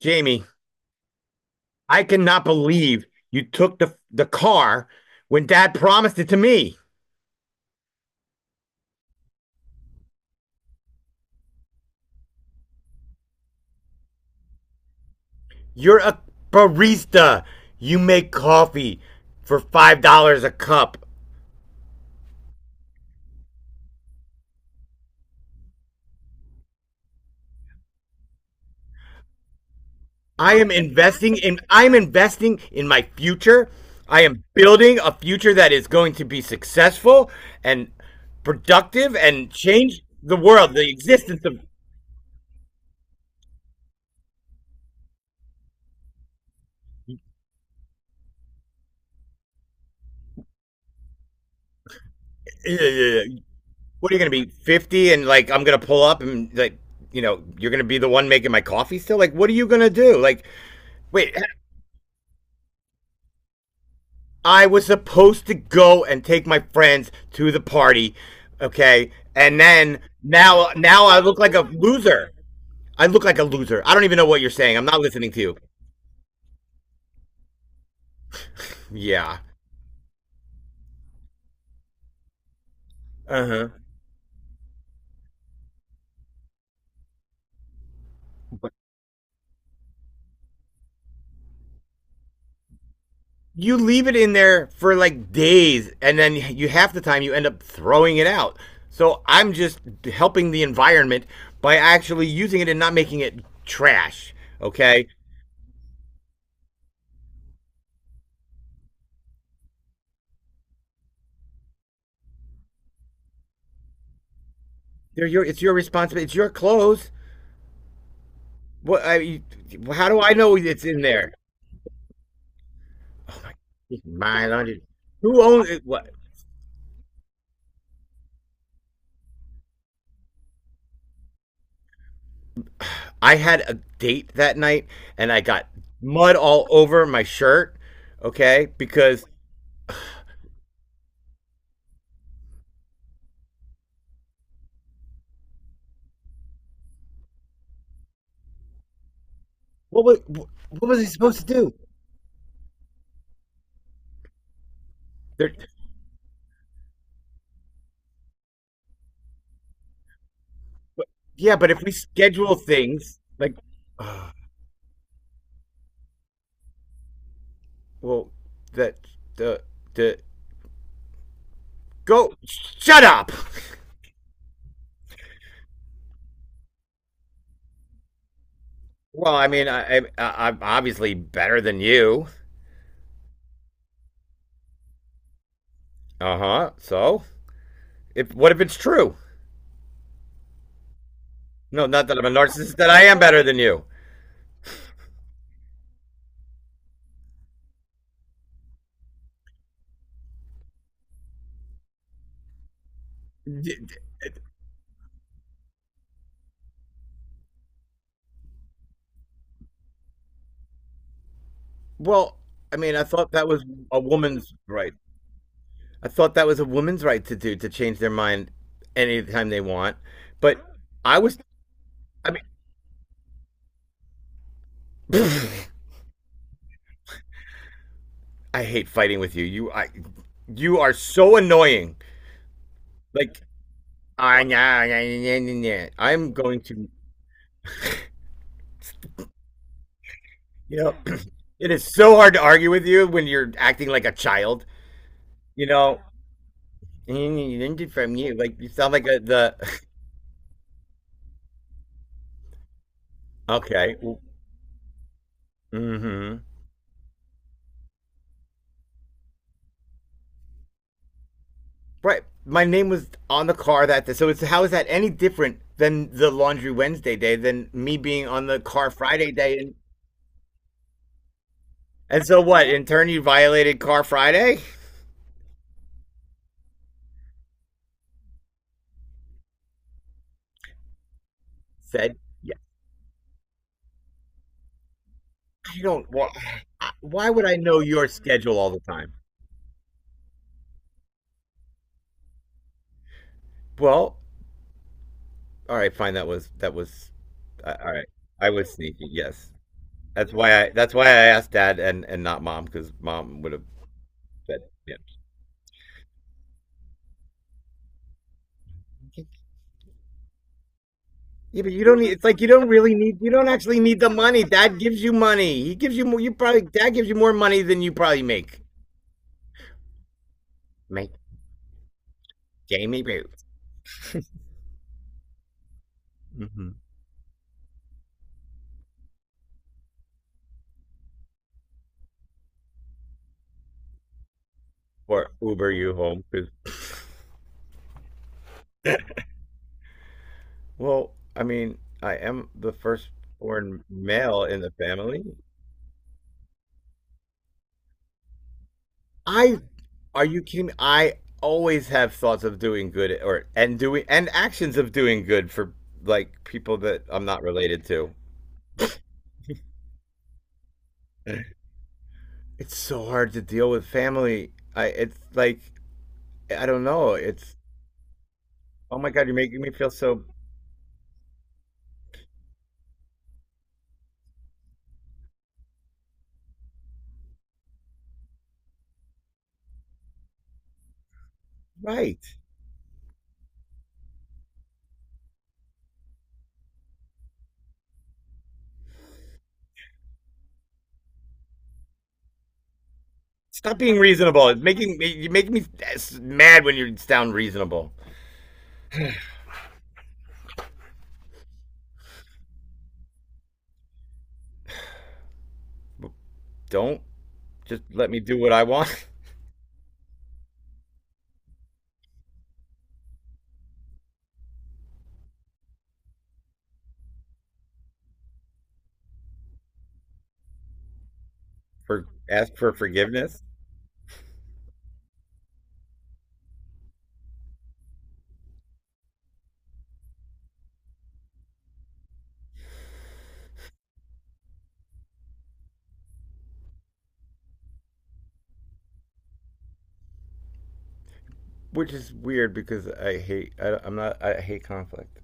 Jamie, I cannot believe you took the car when Dad promised it to me. You're a barista. You make coffee for $5 a cup. I am investing in my future. I am building a future that is going to be successful and productive and change the world, the existence of. Uh, What are you going to be 50 and like I'm going to pull up and like you know you're going to be the one making my coffee still? Like what are you going to do? Like wait, I was supposed to go and take my friends to the party, okay? And then now I look like a loser. I look like a loser. I don't even know what you're saying. I'm not listening to you. Yeah. Uh huh. You leave it in there for like days, and then you half the time you end up throwing it out, so I'm just helping the environment by actually using it and not making it trash, okay. It's your responsibility, it's your clothes. what I, you- how do I know it's in there? It's my laundry, who owns it, what? I had a date that night, and I got mud all over my shirt, okay, because what was he supposed to do there? But, yeah, but if we schedule things like, uh, well, that the the go shut up. Well, I mean, I I'm obviously better than you. Uh huh. So, if what if it's true? No, not that I'm a narcissist. That I am better than you. Well, I mean, I thought that was a woman's right. I thought that was a woman's right to do to change their mind anytime they want. But I was, I mean. I hate fighting with you. You I You are so annoying. Like ah, nah, nah, nah, nah, nah. I'm going to you know It is so hard to argue with you when you're acting like a child. You know from you like you sound like the okay. Mm-hmm. Right. My name was on the car that day. So it's how is that any different than the laundry Wednesday day than me being on the car Friday day? And so what? In turn you violated car Friday? Said yeah. I don't. Well, why would I know your schedule all the time? Well, all right, fine. That was that was. All right, I was sneaky. Yes, that's why I. That's why I asked Dad and not Mom because Mom would have said, yeah. Yeah, but you don't need. It's like you don't really need. You don't actually need the money. Dad gives you money. He gives you more. You probably Dad gives you more money than you probably make. Make Jamie Booth hmm or Uber you home? Because well, I mean, I am the firstborn male in the family. I Are you kidding me? I always have thoughts of doing good or and doing and actions of doing good for like people that I'm not related to. It's so hard to deal with family. I It's like I don't know. It's oh my God, you're making me feel so right. Stop being reasonable. It's making me you make me s- mad when you sound reasonable. Don't just let me do what I want. For ask for forgiveness, which is weird because I'm not, I hate conflict.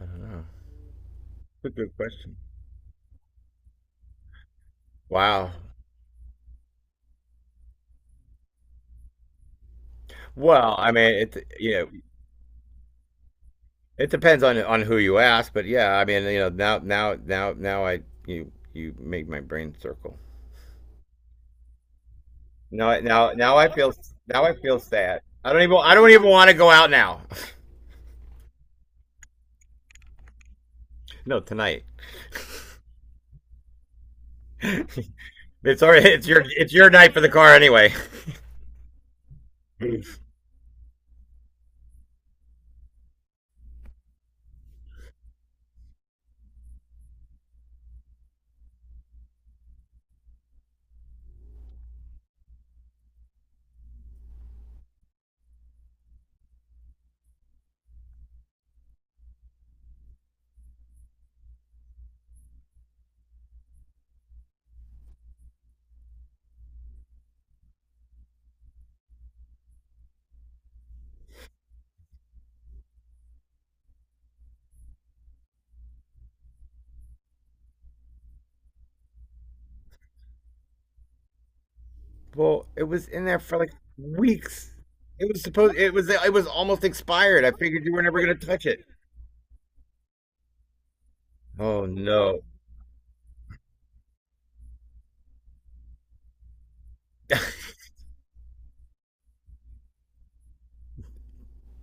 I don't know. That's a good question. Wow. Well, I mean, it you know it depends on who you ask, but yeah, I mean, you know, now I you you make my brain circle. Now I feel, now I feel sad. I don't even want to go out now. No, tonight. It's already it's your night for the car anyway. Well, it was in there for like weeks. It was supposed it was almost expired. I figured you were never gonna touch it. Oh no.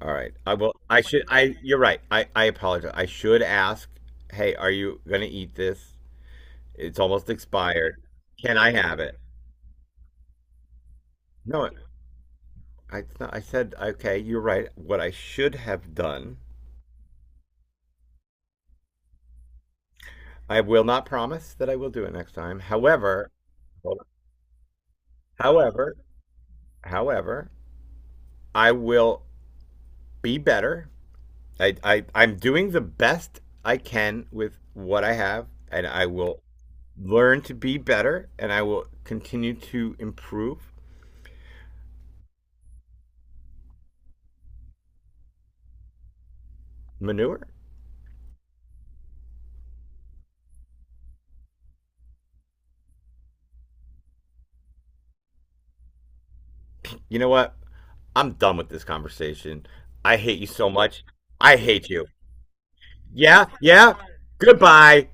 All right. I will. I should. I. You're right. I. I apologize. I should ask. Hey, are you gonna eat this? It's almost expired. Can I have it? No. I. it's not- I said. Okay. You're right. What I should have done. I will not promise that I will do it next time. However. However. However. I will be better. I'm doing the best I can with what I have, and I will learn to be better, and I will continue to improve. Manure? You know what? I'm done with this conversation. I hate you so much. I hate you. Yeah, yeah. Goodbye.